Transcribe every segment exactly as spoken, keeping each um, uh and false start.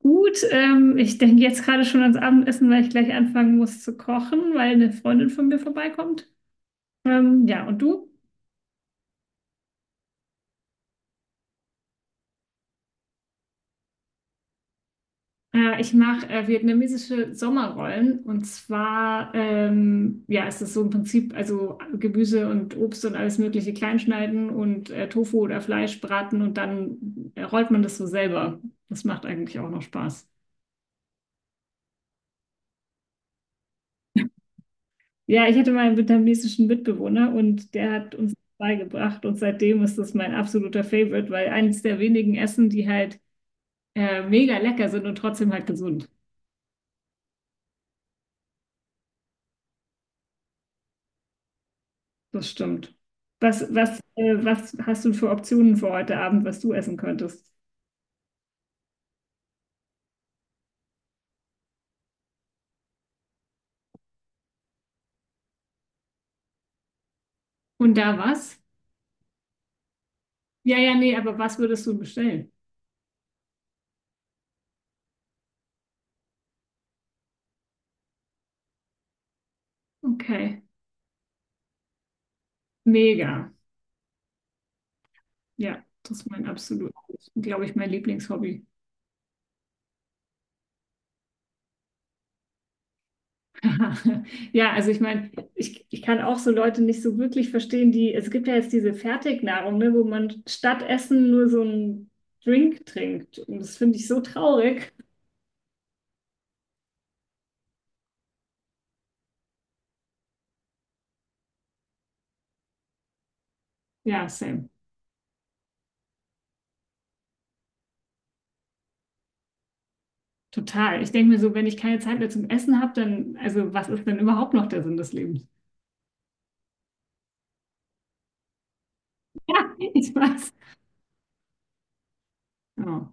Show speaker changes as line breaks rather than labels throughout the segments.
Gut, ähm, ich denke jetzt gerade schon ans Abendessen, weil ich gleich anfangen muss zu kochen, weil eine Freundin von mir vorbeikommt. Ähm, ja, und du? Äh, ich mache äh, vietnamesische Sommerrollen, und zwar ähm, ja, ist es so im Prinzip, also Gemüse und Obst und alles Mögliche kleinschneiden und äh, Tofu oder Fleisch braten und dann äh, rollt man das so selber. Das macht eigentlich auch noch Spaß. Ja, ich hatte mal einen vietnamesischen Mitbewohner und der hat uns beigebracht, und seitdem ist das mein absoluter Favorite, weil eines der wenigen Essen, die halt äh, mega lecker sind und trotzdem halt gesund. Das stimmt. Was, was, äh, was hast du für Optionen für heute Abend, was du essen könntest? Und da was? Ja, ja, nee, aber was würdest du bestellen? Okay. Mega. Ja, das ist mein absolut, glaube ich, mein Lieblingshobby. Ja, also ich meine, ich, ich kann auch so Leute nicht so wirklich verstehen, die, es gibt ja jetzt diese Fertignahrung, ne, wo man statt Essen nur so einen Drink trinkt. Und das finde ich so traurig. Ja, same. Total. Ich denke mir so, wenn ich keine Zeit mehr zum Essen habe, dann, also was ist denn überhaupt noch der Sinn des Lebens? Ja, ich weiß. Ja.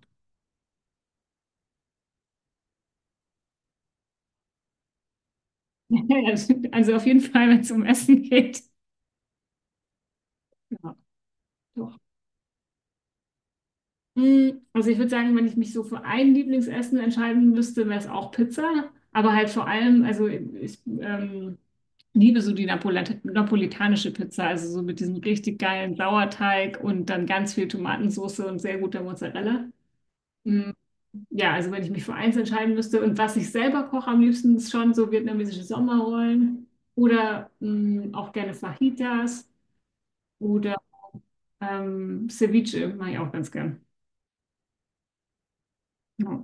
Also auf jeden Fall, wenn es um Essen geht. Ja, doch. Mm, also ich würde sagen, wenn ich mich so für ein Lieblingsessen entscheiden müsste, wäre es auch Pizza. Aber halt vor allem, also ich ähm, liebe so die Napolet napolitanische Pizza, also so mit diesem richtig geilen Sauerteig und dann ganz viel Tomatensauce und sehr guter Mozzarella. Mm, ja, also wenn ich mich für eins entscheiden müsste und was ich selber koche am liebsten, ist schon so vietnamesische Sommerrollen oder mm, auch gerne Fajitas oder ähm, Ceviche mache ich auch ganz gern. Ja.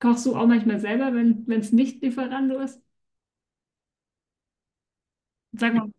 Kochst du auch manchmal selber, wenn wenn es nicht Lieferando ist? Sag mal,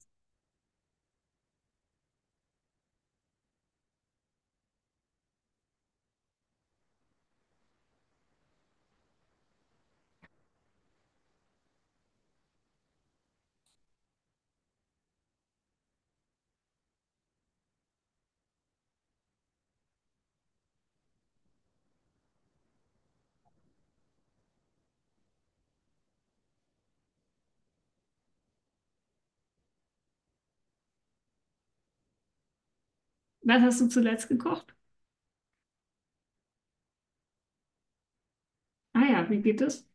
was hast du zuletzt gekocht? Ah ja, wie geht es?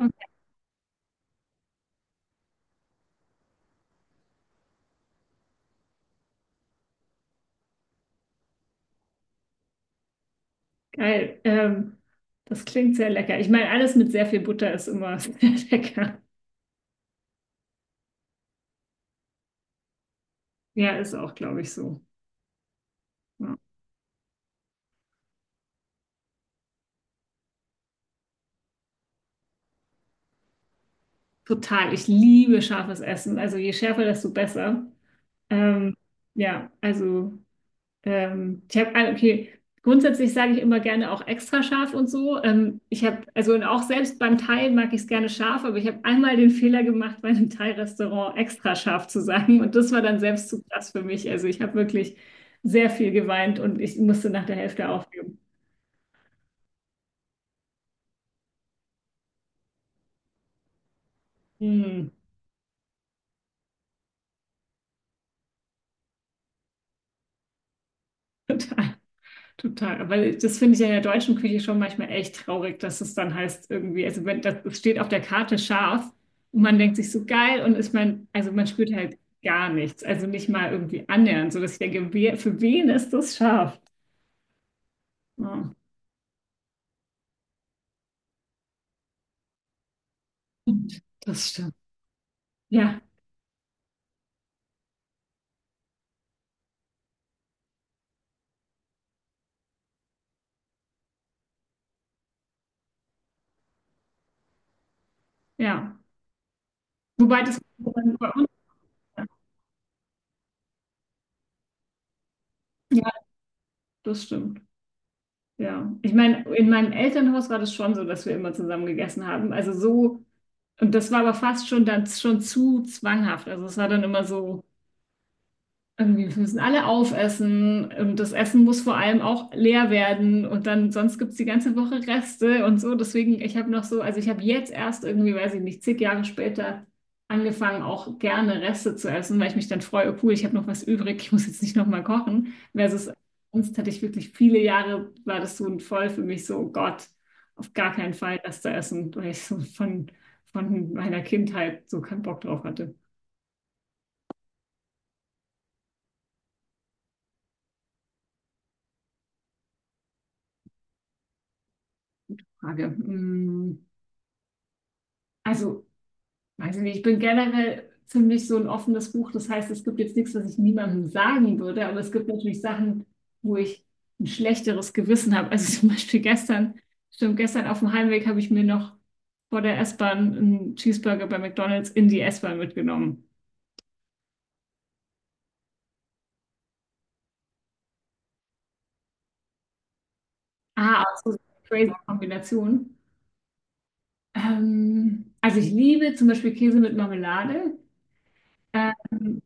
Okay, geil. Ähm, das klingt sehr lecker. Ich meine, alles mit sehr viel Butter ist immer sehr lecker. Ja, ist auch, glaube ich, so. Ja. Total. Ich liebe scharfes Essen. Also je schärfer, desto besser. Ähm, ja, also. Ähm, ich habe, okay, grundsätzlich sage ich immer gerne auch extra scharf und so. Ähm, ich habe, also und auch selbst beim Thai mag ich es gerne scharf, aber ich habe einmal den Fehler gemacht, bei einem Thai-Restaurant extra scharf zu sagen. Und das war dann selbst zu krass für mich. Also ich habe wirklich sehr viel geweint und ich musste nach der Hälfte aufgeben. Hm, total. Total, weil das finde ich ja in der deutschen Küche schon manchmal echt traurig, dass es dann heißt irgendwie, also wenn das, das steht auf der Karte scharf und man denkt sich so geil und ist man, also man spürt halt gar nichts, also nicht mal irgendwie annähernd, so dass ich denke, wer, für wen ist das scharf? Ja, stimmt, das stimmt. Ja, ja. Wobei das bei uns, ja, das stimmt. Ja, ich meine, in meinem Elternhaus war das schon so, dass wir immer zusammen gegessen haben. Also so, und das war aber fast schon dann schon zu zwanghaft. Also es war dann immer so irgendwie, wir müssen alle aufessen und das Essen muss vor allem auch leer werden und dann sonst gibt es die ganze Woche Reste und so. Deswegen, ich habe noch so, also ich habe jetzt erst irgendwie, weiß ich nicht, zig Jahre später angefangen, auch gerne Reste zu essen, weil ich mich dann freue, oh cool, ich habe noch was übrig, ich muss jetzt nicht nochmal kochen. Versus sonst hatte ich wirklich viele Jahre, war das so ein voll für mich so, oh Gott, auf gar keinen Fall Reste essen, weil ich so von, von meiner Kindheit so keinen Bock drauf hatte. Frage. Mm, also weiß ich nicht, ich bin generell ziemlich so ein offenes Buch. Das heißt, es gibt jetzt nichts, was ich niemandem sagen würde, aber es gibt natürlich Sachen, wo ich ein schlechteres Gewissen habe. Also zum Beispiel gestern, stimmt, gestern auf dem Heimweg habe ich mir noch vor der S-Bahn einen Cheeseburger bei McDonald's in die S-Bahn mitgenommen. Ah, also so eine crazy Kombination. Ähm, also ich liebe zum Beispiel Käse mit Marmelade. Ähm,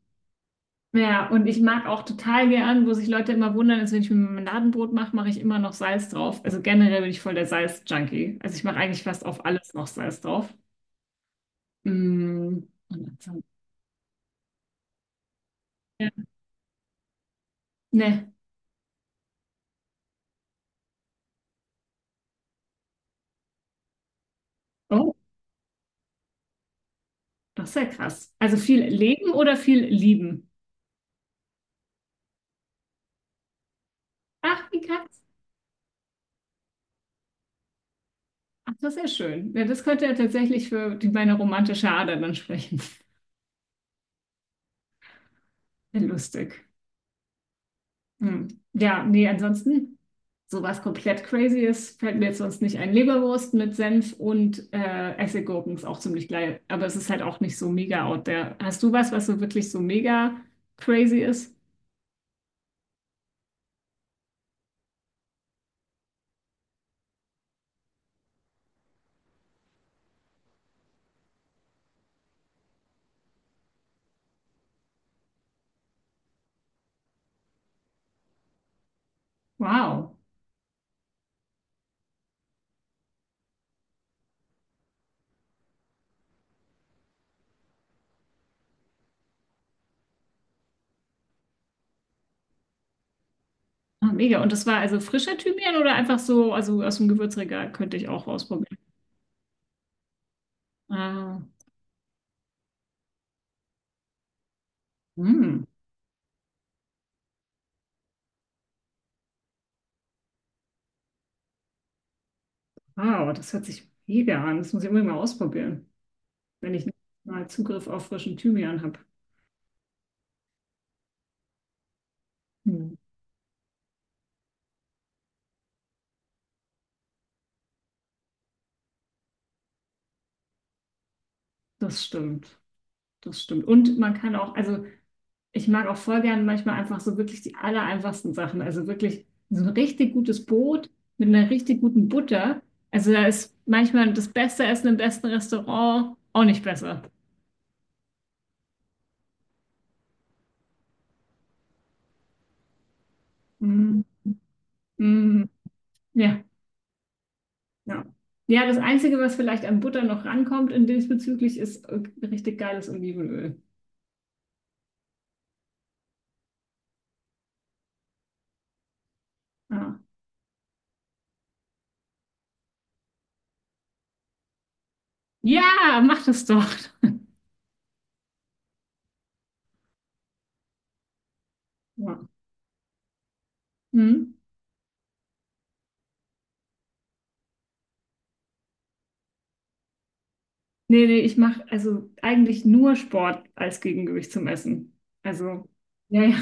Ja, und ich mag auch total gern, wo sich Leute immer wundern, ist, wenn ich mir Marmeladenbrot mache, mache ich immer noch Salz drauf. Also generell bin ich voll der Salz-Junkie. Also ich mache eigentlich fast auf alles noch Salz drauf. Mm, und ansonsten- ja. Ne. Oh, das ist ja krass. Also viel leben oder viel lieben? Ach, wie krass. Ach, das ist ja schön. Ja, das könnte ja tatsächlich für die, meine romantische Ader dann sprechen. Ja, lustig. Hm. Ja, nee, ansonsten, sowas komplett crazy ist, fällt mir jetzt sonst nicht ein. Leberwurst mit Senf und äh, Essiggurken ist auch ziemlich geil, aber es ist halt auch nicht so mega out there. Hast du was, was so wirklich so mega crazy ist? Wow, ah, mega. Und das war also frischer Thymian oder einfach so, also aus dem Gewürzregal könnte ich auch ausprobieren. Ah, hm. Wow, das hört sich mega an. Das muss ich unbedingt mal ausprobieren, wenn ich mal Zugriff auf frischen Thymian habe. Hm. Das stimmt. Das stimmt. Und man kann auch, also ich mag auch voll gern manchmal einfach so wirklich die aller einfachsten Sachen. Also wirklich so ein richtig gutes Brot mit einer richtig guten Butter. Also da ist manchmal das beste Essen im besten Restaurant auch nicht besser. Mm, mm, ja, ja. Ja, das Einzige, was vielleicht an Butter noch rankommt in diesbezüglich, ist äh, richtig geiles Olivenöl. Ja, ja, mach das doch. Ja. Mm. Nee, nee, ich mache also eigentlich nur Sport als Gegengewicht zum Essen. Also, ja, ja.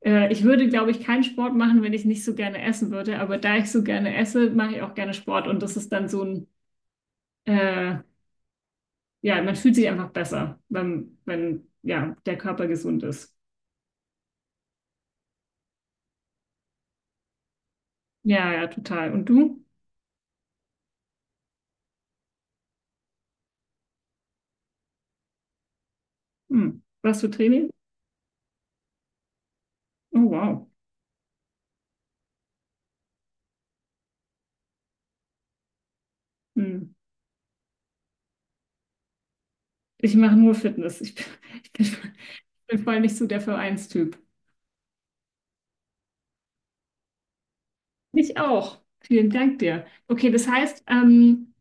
Äh, ich würde, glaube ich, keinen Sport machen, wenn ich nicht so gerne essen würde. Aber da ich so gerne esse, mache ich auch gerne Sport. Und das ist dann so ein, äh, ja, man fühlt sich einfach besser, wenn, wenn, ja, der Körper gesund ist. Ja, ja, total. Und du? Hm. Was für Training? Oh, wow. Hm. Ich mache nur Fitness. Ich bin, ich bin, ich bin voll nicht so der Vereinstyp. Mich auch. Vielen Dank dir. Okay, das heißt, ähm,